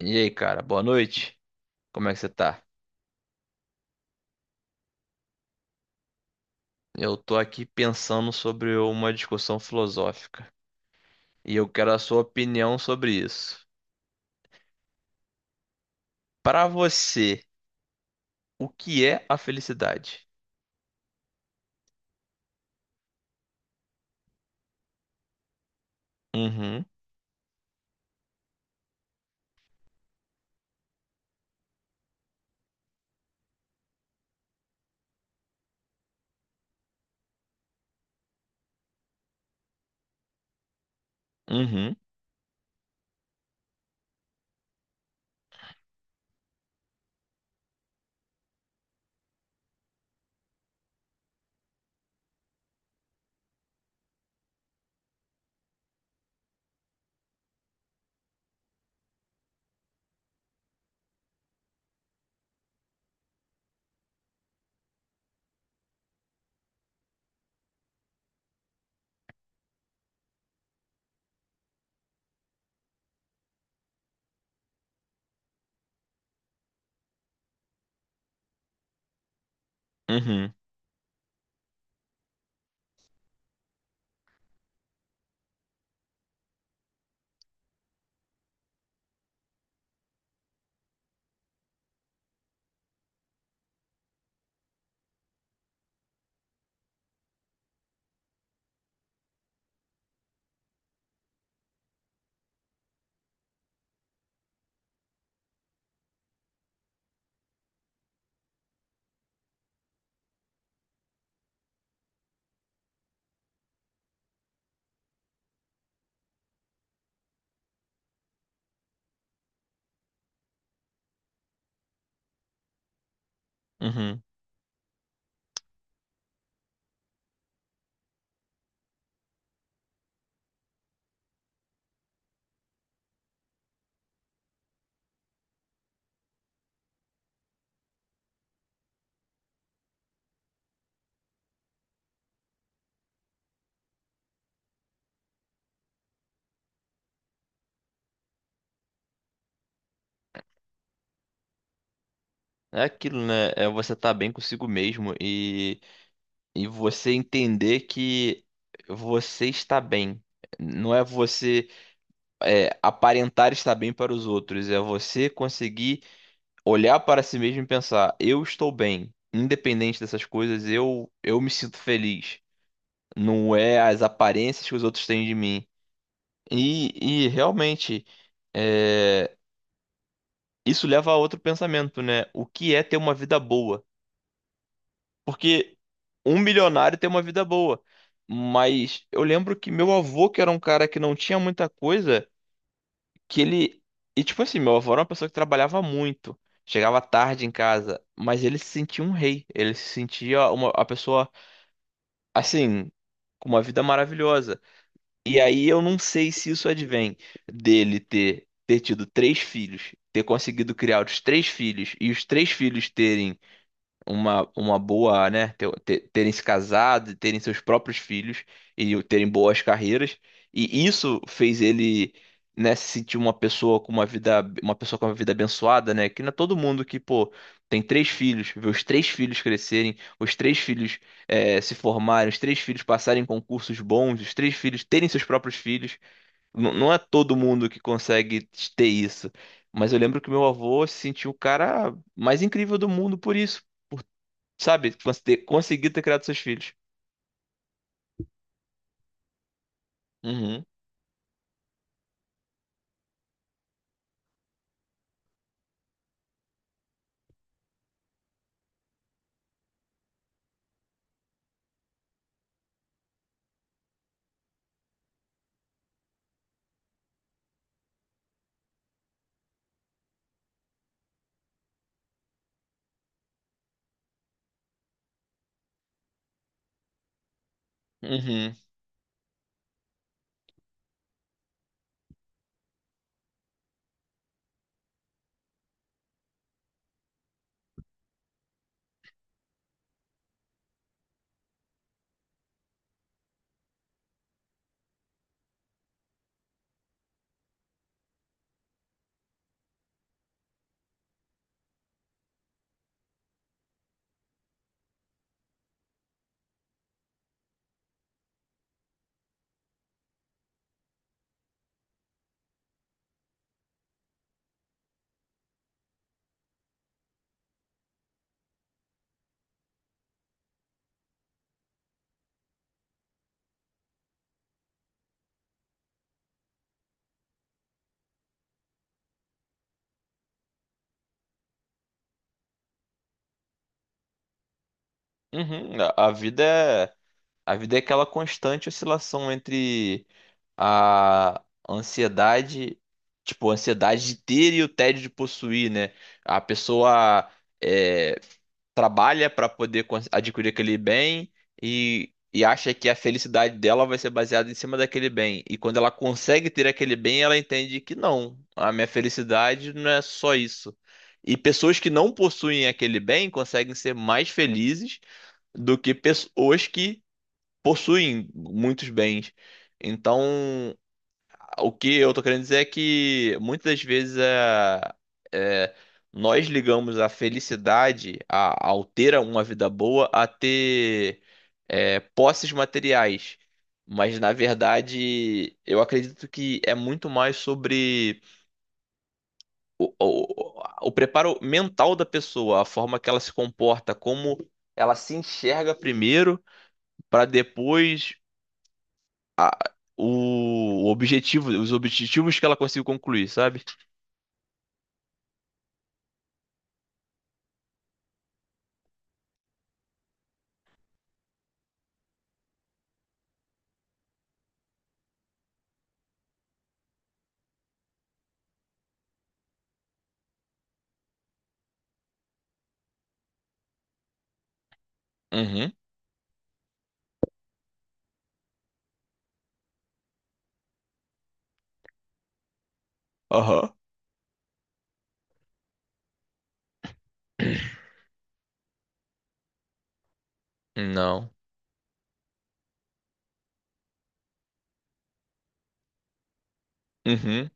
E aí, cara, boa noite. Como é que você tá? Eu tô aqui pensando sobre uma discussão filosófica e eu quero a sua opinião sobre isso. Pra você, o que é a felicidade? Uhum, uhum, uhum, uhum. É aquilo, né? É você estar bem consigo mesmo e você entender que você está bem. Não é você aparentar estar bem para os outros, é você conseguir olhar para si mesmo e pensar, eu estou bem, independente dessas coisas, eu me sinto feliz. Não é as aparências que os outros têm de mim. E realmente, é, isso leva a outro pensamento, né? O que é ter uma vida boa? Porque um milionário tem uma vida boa. Mas eu lembro que meu avô, que era um cara que não tinha muita coisa, que ele. E tipo assim, meu avô era uma pessoa que trabalhava muito, chegava tarde em casa, mas ele se sentia um rei, ele se sentia uma a pessoa assim, com uma vida maravilhosa. E aí eu não sei se isso advém dele ter tido três filhos, ter conseguido criar os três filhos e os três filhos terem uma boa, né, terem se casado, terem seus próprios filhos e terem boas carreiras. E isso fez ele, né, se sentir uma pessoa com uma vida, uma pessoa com uma vida abençoada, né? Que não é todo mundo que, pô, tem três filhos, vê os três filhos crescerem, os três filhos se formarem, os três filhos passarem em concursos bons, os três filhos terem seus próprios filhos. Não é todo mundo que consegue ter isso. Mas eu lembro que meu avô se sentiu o cara mais incrível do mundo por isso. Sabe? Conseguir ter criado seus filhos. Uhum, uhum, uhum. A vida é, a vida é aquela constante oscilação entre a ansiedade, tipo, a ansiedade de ter e o tédio de possuir, né? A pessoa é, trabalha para poder adquirir aquele bem e acha que a felicidade dela vai ser baseada em cima daquele bem. E quando ela consegue ter aquele bem, ela entende que não, a minha felicidade não é só isso. E pessoas que não possuem aquele bem conseguem ser mais felizes do que pessoas que possuem muitos bens. Então, o que eu tô querendo dizer é que muitas das vezes é, nós ligamos a felicidade, a, ao ter uma vida boa, a ter posses materiais. Mas na verdade, eu acredito que é muito mais sobre o, o, o preparo mental da pessoa, a forma que ela se comporta, como ela se enxerga primeiro, para depois o objetivo, os objetivos que ela consiga concluir, sabe? Uhum. Aham. Não. Uhum.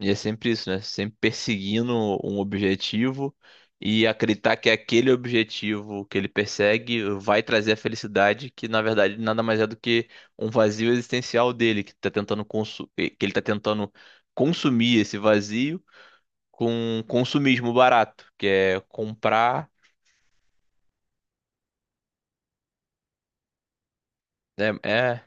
E é sempre isso, né? Sempre perseguindo um objetivo e acreditar que aquele objetivo que ele persegue vai trazer a felicidade, que na verdade nada mais é do que um vazio existencial dele, que tá tentando que ele tá tentando consumir esse vazio com consumismo barato, que é comprar, né? É,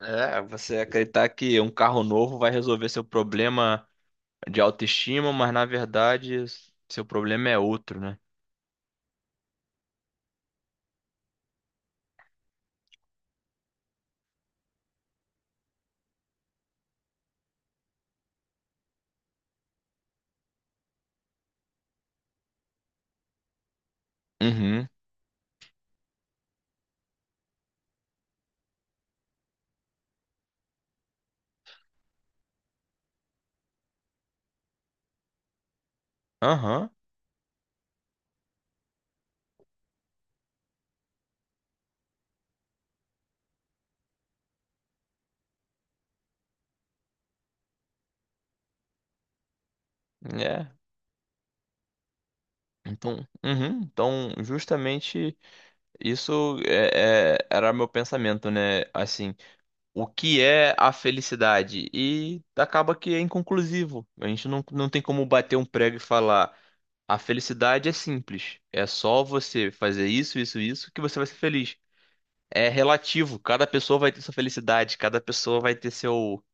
é, Você acreditar que um carro novo vai resolver seu problema de autoestima, mas na verdade seu problema é outro, né? Uhum. Aham. É. Então, uhum. Então, justamente isso era meu pensamento, né? Assim, o que é a felicidade? E acaba que é inconclusivo. A gente não tem como bater um prego e falar, a felicidade é simples. É só você fazer isso, isso, isso que você vai ser feliz. É relativo. Cada pessoa vai ter sua felicidade, cada pessoa vai ter seu.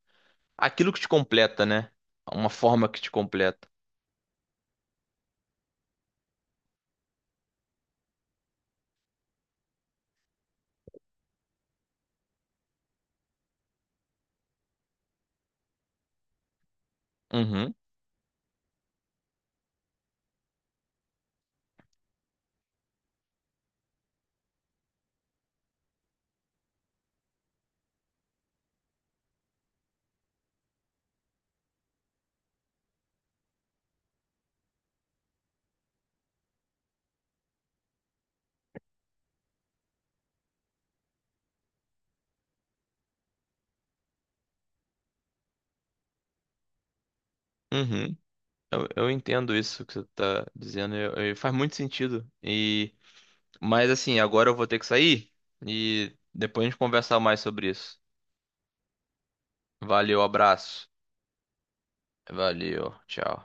Aquilo que te completa, né? Uma forma que te completa. Uhum, uhum. Eu entendo isso que você tá dizendo. Faz muito sentido. E, mas assim, agora eu vou ter que sair e depois a gente conversar mais sobre isso. Valeu, abraço. Valeu, tchau.